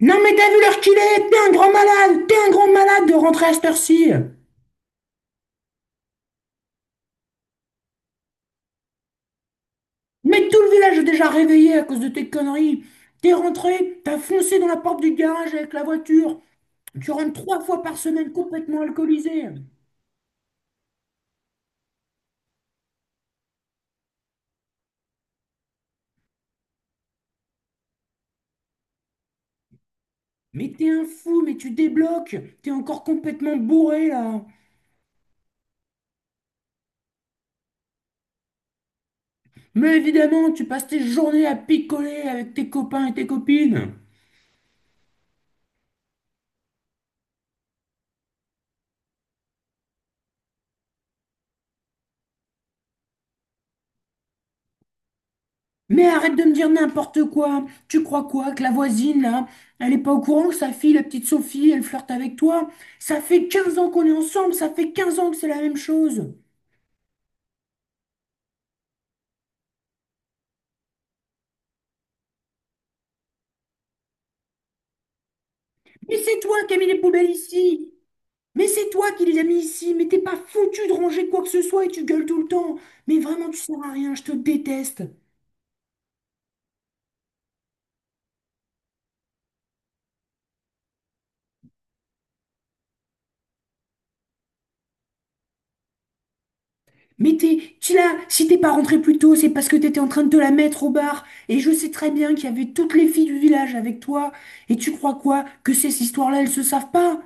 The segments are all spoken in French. Non mais t'as vu l'heure qu'il est? T'es un grand malade. T'es un grand malade de rentrer à cette heure-ci. Mais tout le village est déjà réveillé à cause de tes conneries. T'es rentré, t'as foncé dans la porte du garage avec la voiture. Tu rentres trois fois par semaine complètement alcoolisé. Mais t'es un fou, mais tu débloques. T'es encore complètement bourré là. Mais évidemment, tu passes tes journées à picoler avec tes copains et tes copines. Mais arrête de me dire n'importe quoi. Tu crois quoi que la voisine, là, elle est pas au courant que sa fille, la petite Sophie, elle flirte avec toi? Ça fait 15 ans qu'on est ensemble, ça fait 15 ans que c'est la même chose. Mais c'est toi qui as mis les poubelles ici. Mais c'est toi qui les as mis ici. Mais t'es pas foutu de ranger quoi que ce soit et tu gueules tout le temps. Mais vraiment, tu sers à rien, je te déteste. Mais si t'es pas rentré plus tôt, c'est parce que t'étais en train de te la mettre au bar. Et je sais très bien qu'il y avait toutes les filles du village avec toi. Et tu crois quoi? Que ces histoires-là, elles se savent pas?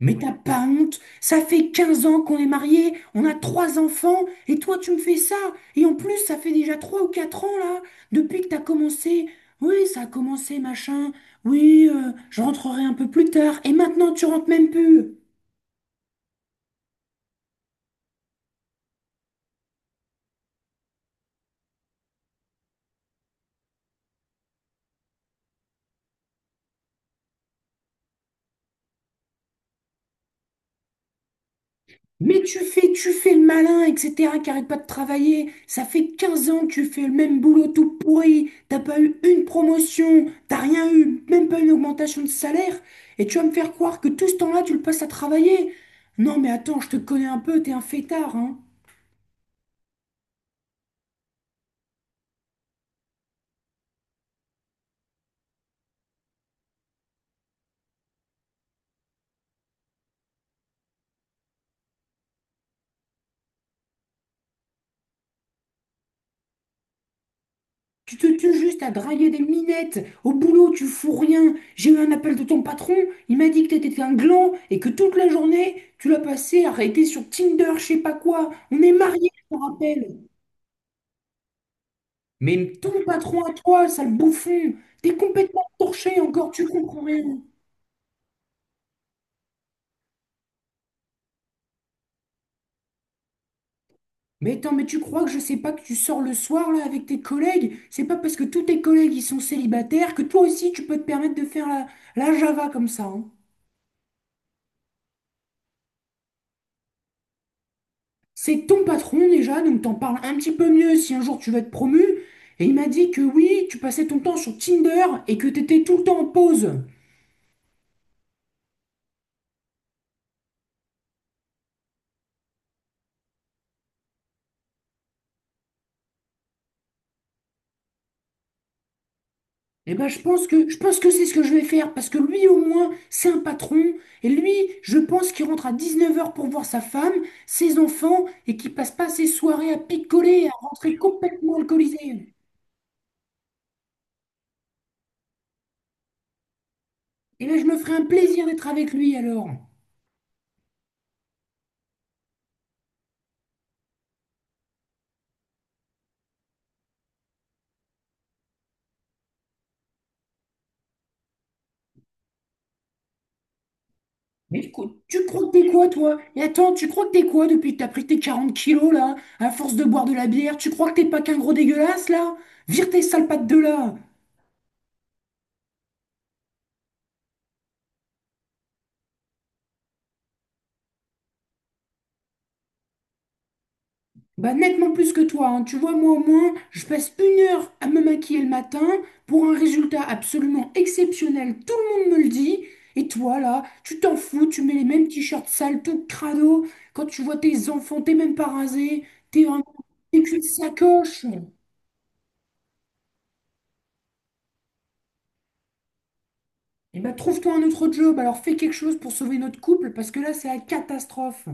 Mais t'as pas honte? Ça fait 15 ans qu'on est mariés, on a trois enfants, et toi tu me fais ça? Et en plus, ça fait déjà 3 ou 4 ans là, depuis que t'as commencé. Oui, ça a commencé, machin. Oui, je rentrerai un peu plus tard. Et maintenant, tu rentres même plus. Mais tu fais le malin, etc., qui arrête pas de travailler. Ça fait 15 ans que tu fais le même boulot tout pourri. T'as pas eu une promotion, t'as rien eu, même pas une augmentation de salaire. Et tu vas me faire croire que tout ce temps-là, tu le passes à travailler. Non, mais attends, je te connais un peu, t'es un fêtard, hein. Tu te tues juste à draguer des minettes. Au boulot, tu fous rien. J'ai eu un appel de ton patron. Il m'a dit que t'étais un gland et que toute la journée, tu l'as passé à arrêter sur Tinder, je sais pas quoi. On est mariés, je te rappelle. Mais ton patron à toi, sale bouffon, t'es complètement torché encore, tu comprends rien. Mais attends, mais tu crois que je sais pas que tu sors le soir là avec tes collègues? C'est pas parce que tous tes collègues ils sont célibataires que toi aussi tu peux te permettre de faire la Java comme ça, hein. C'est ton patron déjà, donc t'en parles un petit peu mieux si un jour tu vas être promu. Et il m'a dit que oui, tu passais ton temps sur Tinder et que t'étais tout le temps en pause. Eh ben, je pense que c'est ce que je vais faire, parce que lui, au moins, c'est un patron, et lui, je pense qu'il rentre à 19 heures pour voir sa femme, ses enfants, et qu'il passe pas ses soirées à picoler, à rentrer complètement alcoolisé. Et là, je me ferai un plaisir d'être avec lui, alors. Mais écoute, tu crois que t'es quoi, toi? Et attends, tu crois que t'es quoi depuis que t'as pris tes 40 kilos, là, à force de boire de la bière? Tu crois que t'es pas qu'un gros dégueulasse, là? Vire tes sales pattes de là! Bah, nettement plus que toi, hein. Tu vois, moi au moins, je passe 1 heure à me maquiller le matin pour un résultat absolument exceptionnel, tout le monde me le dit. Et toi, là, tu t'en fous, tu mets les mêmes t-shirts sales, tout crado. Quand tu vois tes enfants, t'es même pas rasé, t'es vraiment t'es qu'une sacoche. Et bah, trouve-toi un autre job, alors fais quelque chose pour sauver notre couple, parce que là, c'est la catastrophe.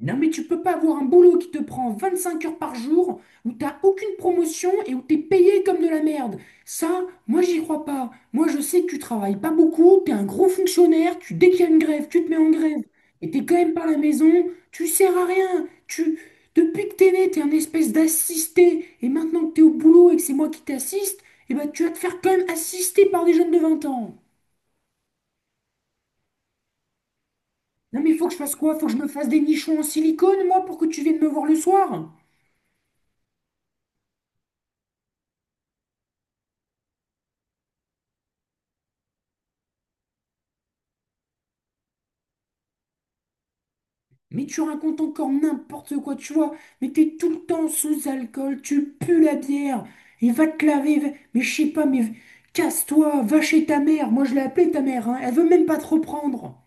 Non, mais tu peux pas avoir un boulot qui te prend 25 heures par jour, où t'as aucune promotion et où t'es payé comme de la merde. Ça, moi j'y crois pas. Moi je sais que tu travailles pas beaucoup, t'es un gros fonctionnaire, dès qu'il y a une grève, tu te mets en grève. Et t'es quand même par la maison, tu sers à rien. Depuis que t'es né, t'es un espèce d'assisté. Et maintenant que t'es au boulot et que c'est moi qui t'assiste, eh ben, tu vas te faire quand même assister par des jeunes de 20 ans. Non mais faut que je fasse quoi? Faut que je me fasse des nichons en silicone, moi, pour que tu viennes me voir le soir? Mais tu racontes encore n'importe quoi, tu vois. Mais t'es tout le temps sous alcool, tu pues la bière. Et va te laver, mais je sais pas, mais casse-toi, va chez ta mère. Moi, je l'ai appelée ta mère, hein. Elle veut même pas te reprendre.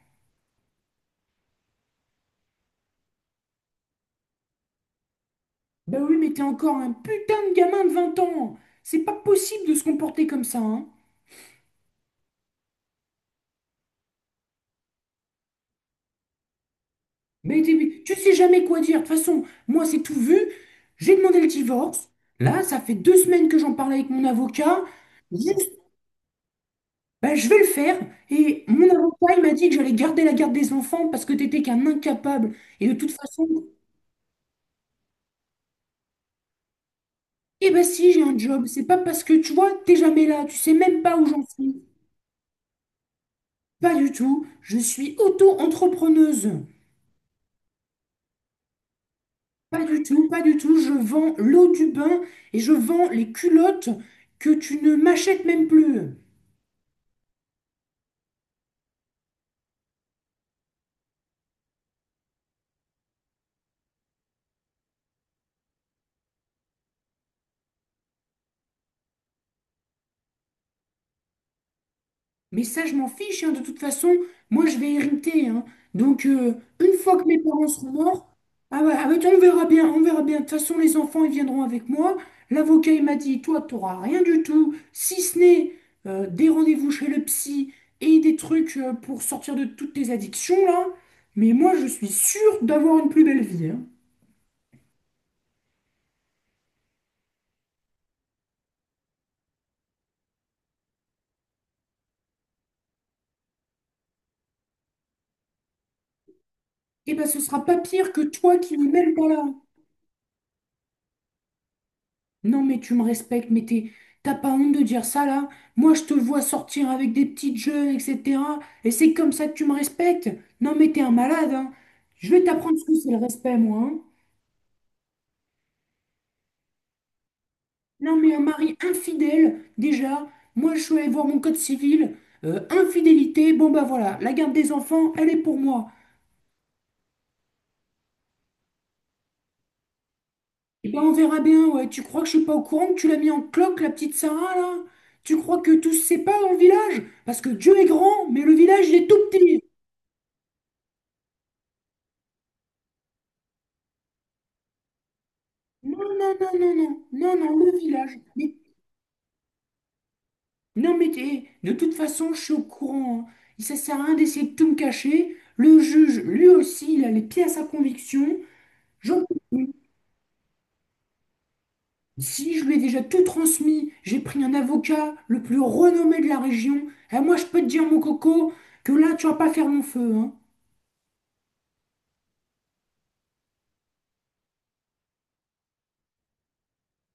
Bah oui, mais t'es encore un putain de gamin de 20 ans. C'est pas possible de se comporter comme ça, hein. Mais tu sais jamais quoi dire. De toute façon, moi, c'est tout vu. J'ai demandé le divorce. Là, ça fait 2 semaines que j'en parle avec mon avocat. Bah, je vais le faire. Et mon avocat, il m'a dit que j'allais garder la garde des enfants parce que t'étais qu'un incapable. Et de toute façon, eh ben si, j'ai un job. C'est pas parce que, tu vois, t'es jamais là. Tu sais même pas où j'en suis. Pas du tout. Je suis auto-entrepreneuse. Pas du tout, pas du tout. Je vends l'eau du bain et je vends les culottes que tu ne m'achètes même plus. Mais ça, je m'en fiche, hein, de toute façon, moi, je vais hériter, hein. Donc, une fois que mes parents seront morts, ah ouais, ah ouais, on verra bien, on verra bien. De toute façon, les enfants, ils viendront avec moi. L'avocat, il m'a dit, toi, tu n'auras rien du tout, si ce n'est des rendez-vous chez le psy et des trucs pour sortir de toutes tes addictions, là. Mais moi, je suis sûre d'avoir une plus belle vie, hein. Et ben, ce sera pas pire que toi qui n'y mêle pas là. Non, mais tu me respectes, mais t'as pas honte de dire ça là? Moi, je te vois sortir avec des petites jeunes, etc. Et c'est comme ça que tu me respectes? Non, mais t'es un malade, hein. Je vais t'apprendre ce que c'est le respect, moi, hein. Non, mais un mari infidèle, déjà. Moi, je suis allée voir mon code civil. Infidélité, bon bah voilà, la garde des enfants, elle est pour moi. Et ben on verra bien, ouais. Tu crois que je suis pas au courant que tu l'as mis en cloque, la petite Sarah là? Tu crois que tout se sait pas dans le village? Parce que Dieu est grand, mais le village il est tout petit. Non, non, non, non, non, non, non, le village. Mais, non, mais de toute façon, je suis au courant, hein. Ça sert à rien d'essayer de tout me cacher. Le juge, lui aussi, il a les pieds à sa conviction. J'en peux plus. Si je lui ai déjà tout transmis, j'ai pris un avocat, le plus renommé de la région. Et moi, je peux te dire, mon coco, que là, tu vas pas faire long feu, hein.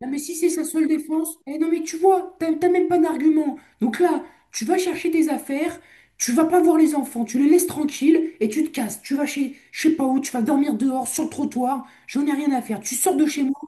Non, mais si c'est sa seule défense, eh non, mais tu vois, t'as même pas d'argument. Donc là, tu vas chercher tes affaires, tu vas pas voir les enfants, tu les laisses tranquilles et tu te casses. Tu vas chez, je sais pas où, tu vas dormir dehors, sur le trottoir, j'en ai rien à faire. Tu sors de chez moi.